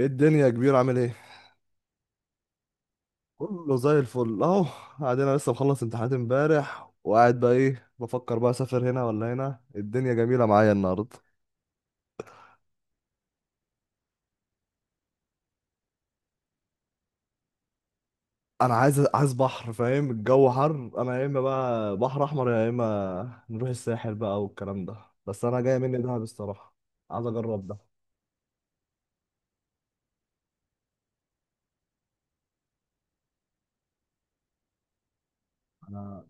ايه الدنيا يا كبير، عامل ايه؟ كله زي الفل اهو. قاعد انا لسه مخلص امتحانات امبارح، وقاعد بقى ايه بفكر بقى، اسافر هنا ولا هنا؟ الدنيا جميله معايا النهارده. انا عايز بحر، فاهم؟ الجو حر. انا يا اما بقى بحر احمر، يا اما نروح الساحل بقى والكلام ده، بس انا جاي مني دهب الصراحه. عايز اجرب ده. انا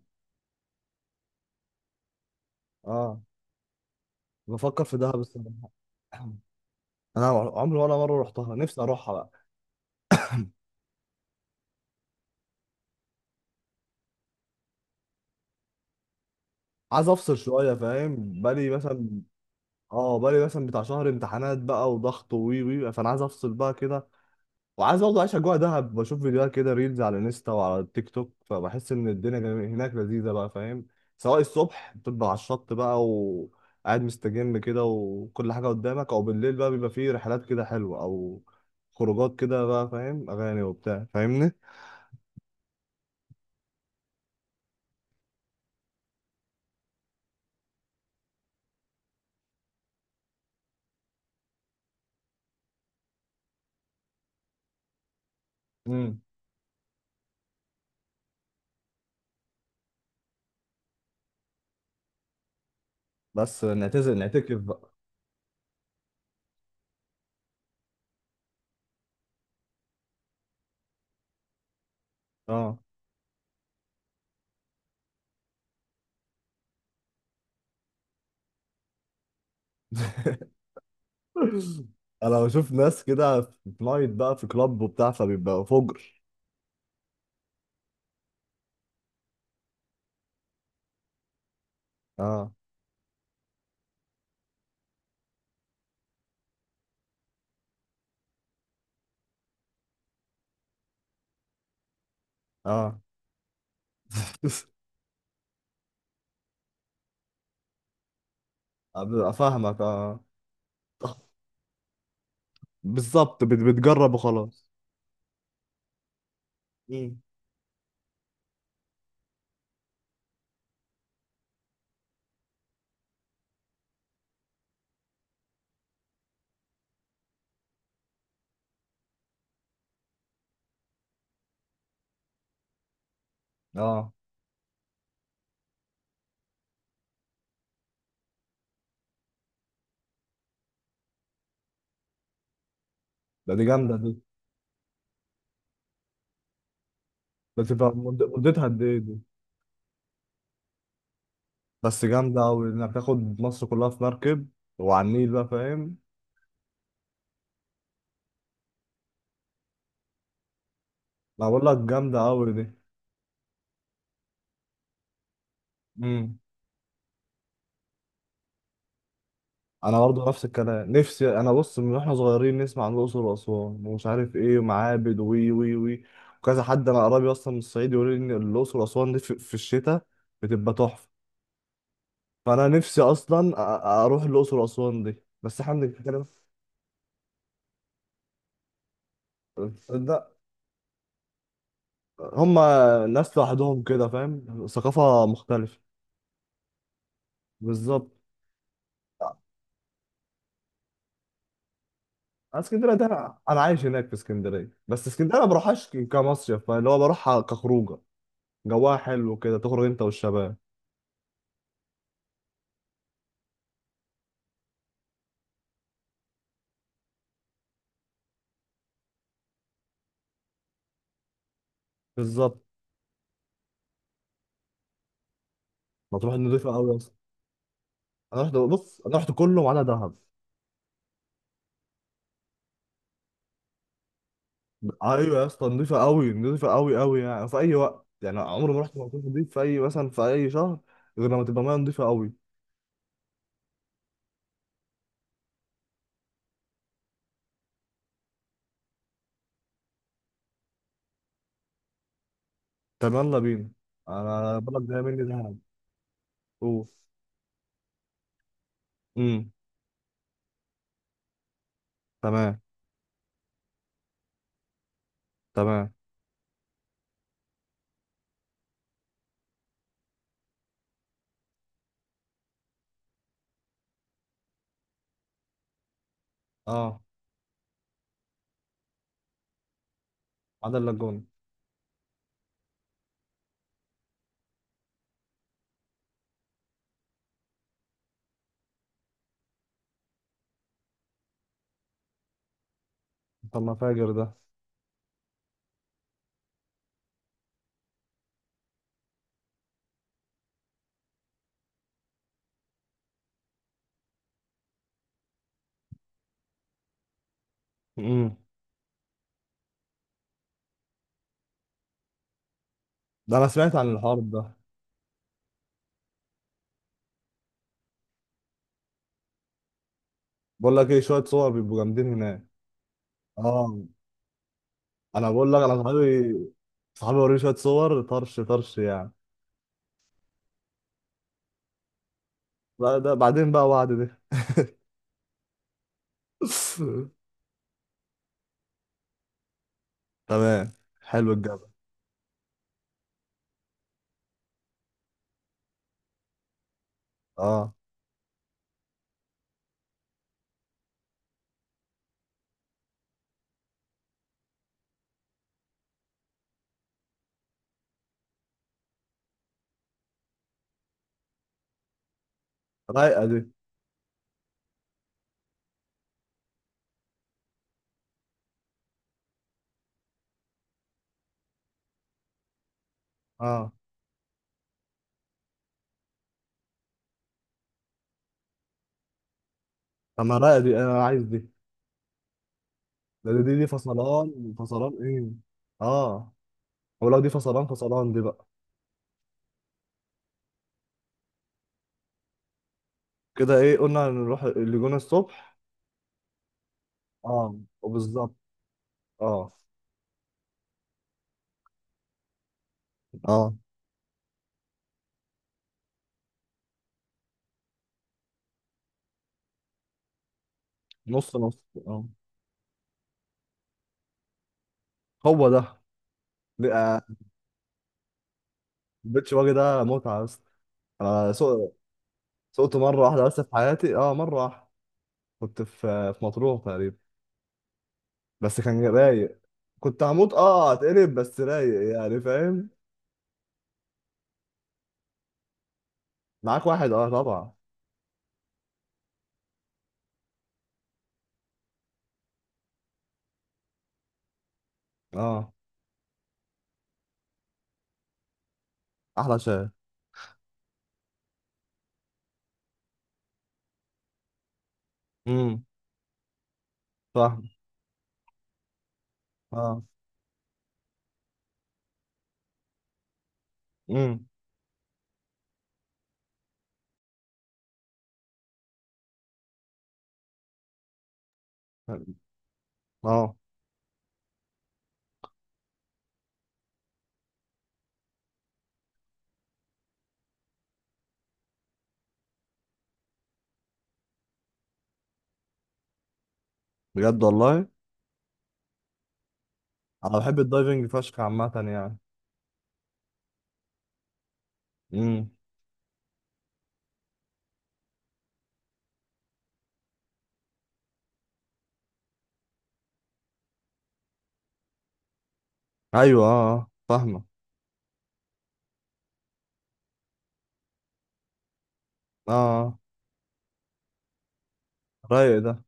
اه بفكر في دهب الصراحه. انا عمري ولا مره رحتها، نفسي اروحها بقى. عايز افصل شويه، فاهم؟ بقالي مثلا، اه، بقالي مثلا بتاع شهر امتحانات بقى وضغط، وي وي فانا عايز افصل بقى كده. وعايز برضه اعيش اجواء دهب، بشوف فيديوهات كده ريلز على انستا وعلى التيك توك، فبحس ان الدنيا هناك لذيذه بقى، فاهم؟ سواء الصبح بتبقى على الشط بقى وقاعد مستجم كده وكل حاجه قدامك، او بالليل بقى بيبقى فيه رحلات كده حلوه او خروجات كده بقى، فاهم؟ اغاني وبتاع، فاهمني؟ امم. بس نعتزل نعتكف بقى. اه. انا بشوف ناس كده في نايت بقى، في كلاب وبتاع فبيبقى فجر. اه. اه. افهمك، اه. بالظبط، بتجرب وخلاص. مم. اه. دي جامده دي. بس يبقى مدتها قد ايه دي؟ بس جامده قوي انك تاخد مصر كلها في مركب وعلى النيل بقى، فاهم؟ انا بقول لك جامده قوي دي. امم. انا برضه نفس الكلام، نفسي انا. بص، من واحنا صغيرين نسمع عن الاقصر واسوان ومش عارف ايه ومعابد، وي وي وي وكذا حد، انا قريبي اصلا من الصعيد يقول لي ان الاقصر واسوان دي في الشتاء بتبقى تحفه. فانا نفسي اصلا اروح الاقصر واسوان دي. بس احنا بنتكلم. ده. هم. ناس لوحدهم كده، فاهم؟ ثقافه مختلفه. بالظبط. اسكندريه ده، أنا عايش هناك في اسكندريه. بس اسكندريه ما بروحهاش كمصيف، فاللي هو بروحها كخروجه. جواها حلو كده تخرج انت والشباب. بالظبط. ما تروح، نضيفه قوي اصلا. انا رحت، بص، انا رحت كله ما عدا دهب. ايوه يا اسطى، نضيفه قوي، نضيفه قوي قوي. يعني في اي وقت، يعني عمري ما رحت مكان نضيف في اي مثلا في اي شهر غير لما تبقى ميه نضيفه قوي. طب يلا بينا. انا بقولك جاي مني ذهب. اوف. امم. تمام. تمام. اه، عدا اللاجون. طب ما فاجر ده. امم. ده انا سمعت عن الحوار ده. بقول لك ايه، شويه صور بيبقوا جامدين هناك. اه. انا بقول لك، صحابي. صحابي، وريني شويه صور، طرش طرش يعني. بقى ده بعدين بقى، وعد دي. تمام. حلو الجبل. اه. رايقه دي. اه. طب ما رايقه دي، انا عايز دي. ده، دي فصلان فصلان ايه. اه. ولو دي فصلان فصلان دي بقى. كده ايه، قلنا نروح الجونة الصبح. اه. وبالظبط. اه. اه. نص نص. اه. هو ده. لا. البيتش باجي ده متعة بس. انا سوقت مرة واحدة بس في حياتي، مرة واحدة. كنت في مطروح تقريبا. بس كان رايق. كنت هموت اتقلب، بس رايق يعني، فاهم؟ معاك واحد، اه طبعا. اه. احلى شاي. امم. فاهم. اه. امم. اه. بجد والله. انا بحب الدايفنج فشخ عامة يعني. مم. ايوه، اه، آه، فاهمه. اه. آه، رايق ده.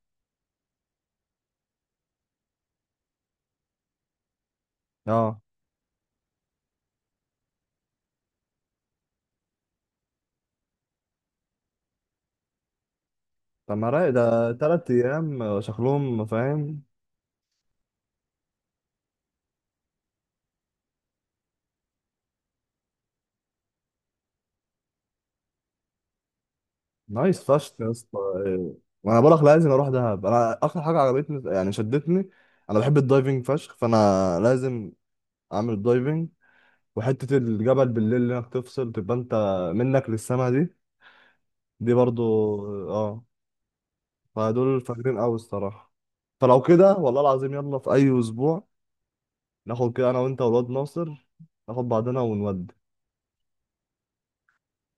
اه. طب ما رايق ده، 3 ايام شكلهم، فاهم؟ نايس فشخ يا اسطى. إيه. وانا بقول لك لازم اروح دهب، انا اكتر حاجه عجبتني يعني شدتني، انا بحب الدايفنج فشخ، فانا لازم اعمل دايفنج. وحته الجبل بالليل اللي انك تفصل، تبقى انت منك للسما دي. دي برضو. اه. فدول فاجرين قوي الصراحه. فلو كده والله العظيم، يلا، في اي اسبوع ناخد كده انا وانت والواد ناصر، ناخد بعضنا ونودي.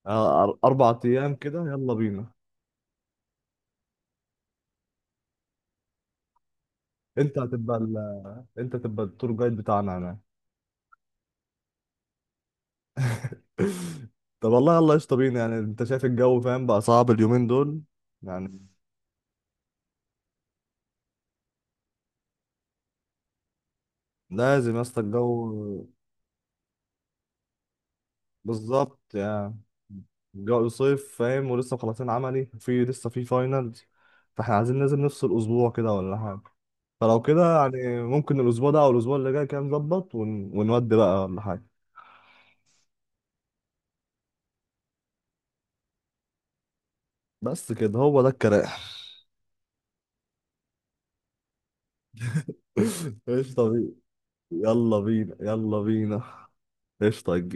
آه، 4 ايام كده، يلا بينا. انت هتبقى ال... انت هتبقى التور جايد بتاعنا هناك. طب والله يلا قشطة بينا، يعني انت شايف الجو، فاهم بقى؟ صعب اليومين دول يعني. لازم يا اسطى الجو. بالظبط يعني. الجو صيف، فاهم؟ ولسه مخلصين عملي، في لسه في فاينلز. فاحنا عايزين لازم نفصل اسبوع كده ولا حاجة. فلو كده يعني، ممكن الاسبوع ده او الاسبوع اللي جاي كده نظبط ونودي بقى ولا حاجة. بس كده، هو ده الكلام. ايش طب. يلا بينا، يلا بينا. ايش طق.